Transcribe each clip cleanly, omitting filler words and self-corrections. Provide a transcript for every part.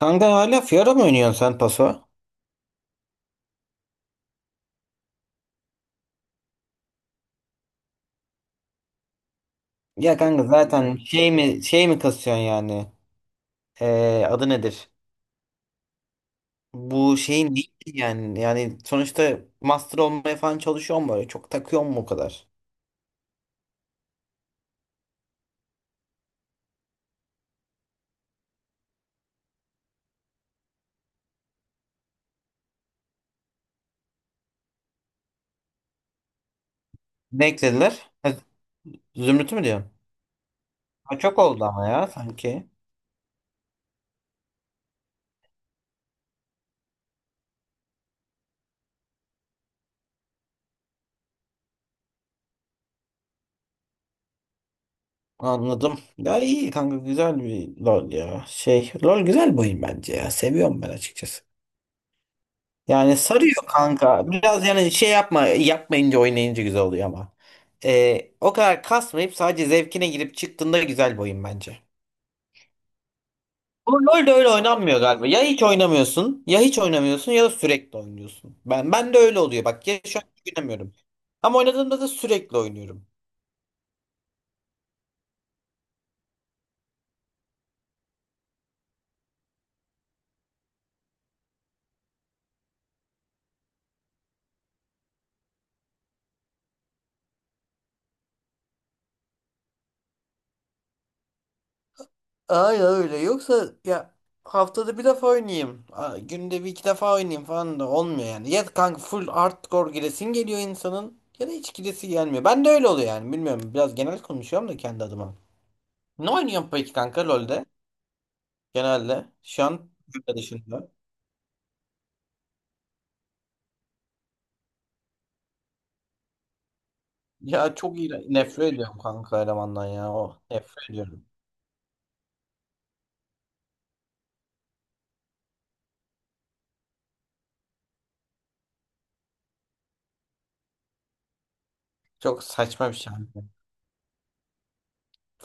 Kanka hala Fiora mı oynuyorsun sen paso? Ya kanka zaten evet. Şey mi kasıyorsun yani? Adı nedir? Bu şeyin değil ki yani. Yani sonuçta master olmaya falan çalışıyor mu böyle? Çok takıyor mu o kadar? Ne eklediler? Ha, Zümrüt'ü mü diyorsun? Ha, çok oldu ama ya sanki. Anladım. Ya iyi kanka, güzel bir LoL ya. Şey, LoL güzel bir oyun bence ya. Seviyorum ben açıkçası. Yani sarıyor kanka. Biraz yani şey yapmayınca oynayınca güzel oluyor ama. O kadar kasmayıp sadece zevkine girip çıktığında güzel bir oyun bence. Bu LoL öyle oynanmıyor galiba. Ya hiç oynamıyorsun ya da sürekli oynuyorsun. Ben de öyle oluyor. Bak ya, şu an hiç oynamıyorum. Ama oynadığımda da sürekli oynuyorum. Ay, öyle. Yoksa ya haftada bir defa oynayayım, günde bir iki defa oynayayım falan da olmuyor yani. Ya kanka full hardcore giresin geliyor insanın ya da hiç giresi gelmiyor. Ben de öyle oluyor yani. Bilmiyorum, biraz genel konuşuyorum da kendi adıma. Ne oynuyorsun peki kanka LoL'de? Genelde. Şu an Türkiye dışında. Nefret ediyorum kanka elemandan ya. Oh, nefret ediyorum. Çok saçma bir şey.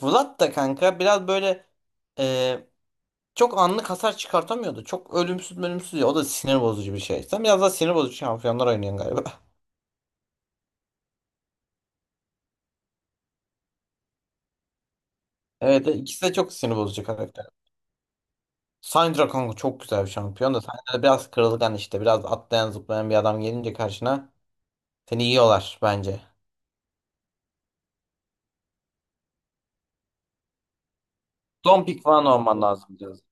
Vlad da kanka biraz böyle çok anlık hasar çıkartamıyordu. Çok ölümsüz ölümsüz ya. O da sinir bozucu bir şey. Sen biraz daha sinir bozucu şampiyonlar oynuyorsun galiba. Evet, ikisi de çok sinir bozucu karakter. Syndra kanka çok güzel bir şampiyon da Syndra biraz kırılgan işte. Biraz atlayan zıplayan bir adam gelince karşına seni yiyorlar bence. Son pick falan olman lazım biraz.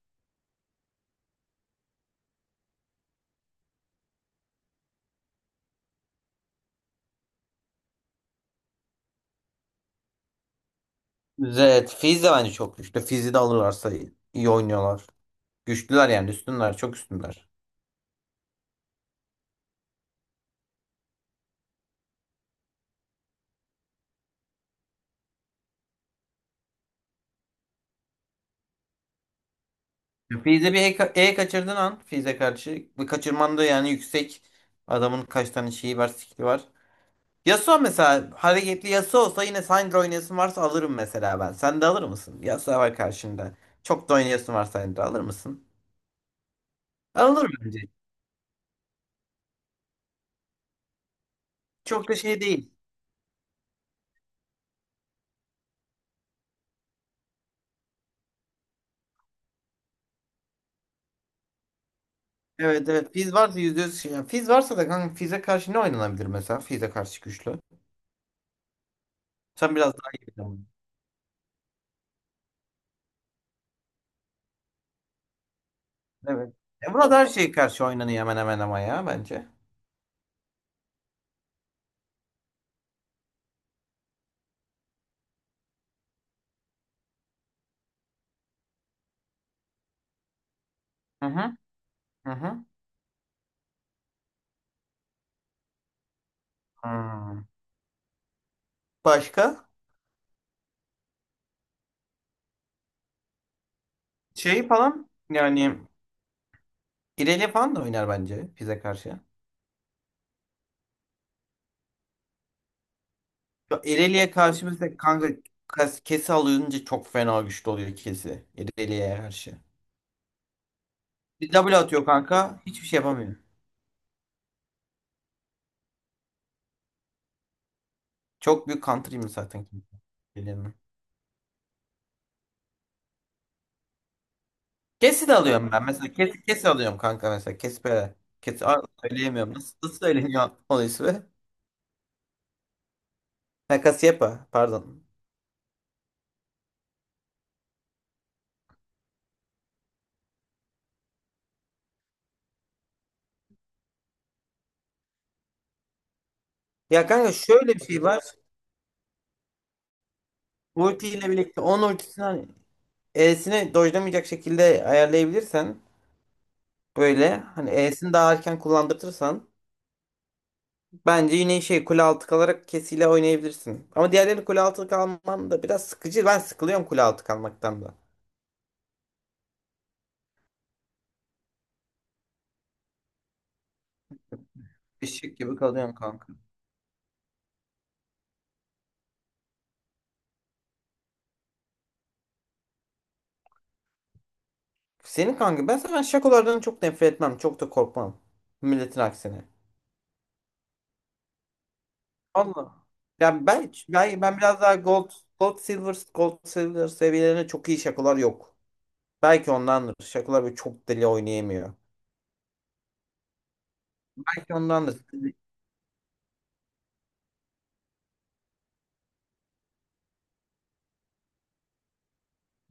Evet, Fizz de bence çok güçlü. Fizz'i de alırlarsa iyi oynuyorlar. Güçlüler yani, üstünler, çok üstünler. Fizz'e bir E, kaçırdığın an Fizz'e karşı bir kaçırman da yani yüksek, adamın kaç tane şeyi var, skill'i var. Yasuo mesela, hareketli Yasuo olsa yine Syndra oynayasın varsa alırım mesela ben. Sen de alır mısın? Yasuo var karşında. Çok da oynayasın var, Syndra alır mısın? Alır bence. Çok da şey değil. Evet, evet. Fizz varsa yüzde yüz şey. Yani Fizz varsa da kanka Fizz'e karşı ne oynanabilir mesela? Fizz'e karşı güçlü. Sen biraz daha iyi biliyorsun. Evet. E burada her şeye karşı oynanıyor hemen hemen ama ya bence. Hı hı. Hı hı. Hmm. Başka? Şeyi falan yani, İrelia falan da oynar bence Fizz'e karşı. Şu Irelia karşı kanka kesi alınca çok fena güçlü oluyor kesi. Irelia'ya karşı. Bir W atıyor kanka, hiçbir şey yapamıyor. Çok büyük counter'ıyım zaten. Irelia'nın. Kesi de alıyorum ben. Mesela kesi, kesi alıyorum kanka mesela. Kesi böyle. Kesi, söyleyemiyorum. Nasıl söyleniyor onun ismi? Ha, Cassiopeia, pardon. Ya kanka şöyle bir şey var. Ultiyle birlikte 10 ultisini, hani E'sini dojlamayacak şekilde ayarlayabilirsen, böyle hani E'sini daha erken kullandırırsan bence yine şey, kule altı kalarak kesiyle oynayabilirsin. Ama diğerlerini kule altı kalman da biraz sıkıcı. Ben sıkılıyorum kule altı kalmaktan da. Eşek gibi kalıyorsun kanka. Senin kanka, ben zaten şakolardan çok nefret etmem. Çok da korkmam. Milletin aksine. Allah. Ya ben biraz daha gold, gold silver seviyelerine çok iyi şakolar yok. Belki ondandır. Şakolar böyle çok deli oynayamıyor. Belki ondandır.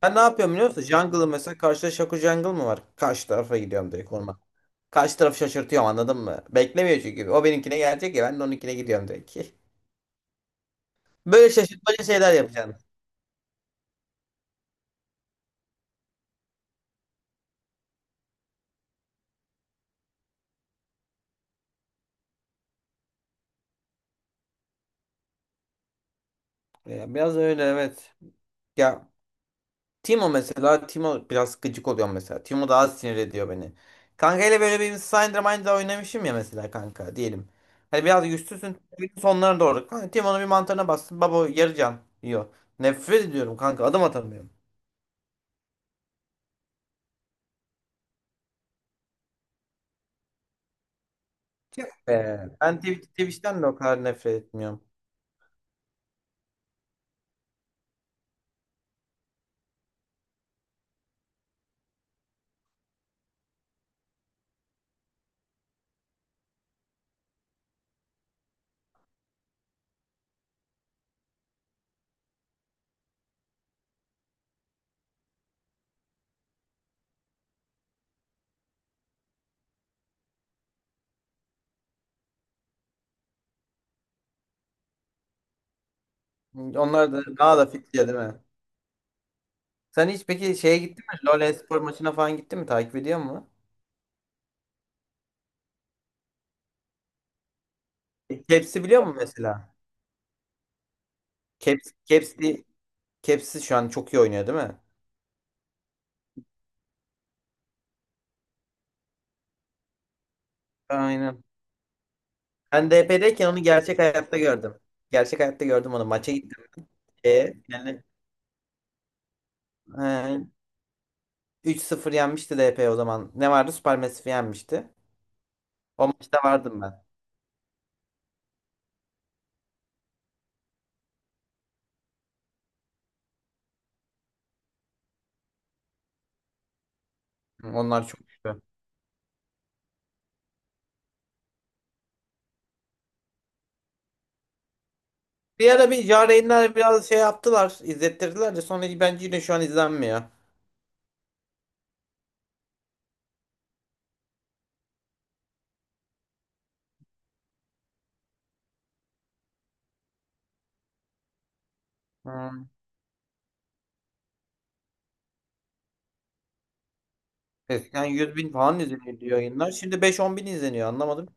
Ben ne yapıyorum biliyor musun? Jungle'ı mesela, karşıda Shaco Jungle mı var? Karşı tarafa gidiyorum direkt, orman. Karşı tarafı şaşırtıyorum, anladın mı? Beklemiyor çünkü. O benimkine gelecek ya, ben de onunkine gidiyorum direkt. Böyle şaşırtmaca şeyler yapacağım. Ya biraz öyle, evet. Ya Timo mesela, Timo biraz gıcık oluyor mesela. Timo daha sinir ediyor beni. Kankayla böyle bir Syndra Mind'da oynamışım ya mesela kanka, diyelim. Hani biraz güçsüzsün sonlara doğru. Kanka Timo'nun bir mantarına bastın, baba yarı can yiyor. Nefret ediyorum kanka, adım atamıyorum. Tüh be. Ben Twitch'ten de o kadar nefret etmiyorum. Onlar da daha da fit ya, değil mi? Sen hiç peki şeye gittin mi? LoL espor maçına falan gittin mi? Takip ediyor mu? Caps'i biliyor musun mesela? Caps, Caps'i, Caps'i şu an çok iyi oynuyor değil mi? Aynen. Ben DP'deyken onu gerçek hayatta gördüm. Gerçek hayatta gördüm onu. Maça gittim. E, yani, e, 3-0 yenmişti DP o zaman. Ne vardı? Supermassive yenmişti. O maçta vardım ben. Onlar çok güçlü. Bir ara bir Yarenler biraz şey yaptılar, izlettirdiler de sonra bence yine şu an izlenmiyor. Hmm. Eskiden 100 bin falan izleniyordu yayınlar. Şimdi 5-10 bin izleniyor, anlamadım.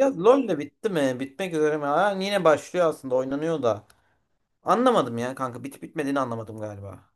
Ya LoL de bitti mi? Bitmek üzere mi? Ha, yine başlıyor, aslında oynanıyor da. Anlamadım ya kanka, bitip bitmediğini anlamadım galiba.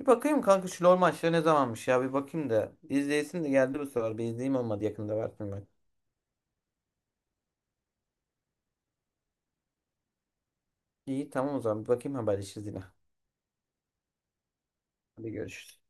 Bir bakayım kanka şu LoL maçları ne zamanmış ya, bir bakayım da. İzleyesim de geldi, bu sefer bir izleyeyim, olmadı yakında versin ben. İyi, tamam, o zaman bir bakayım, haberleşiriz yine. Hadi görüşürüz.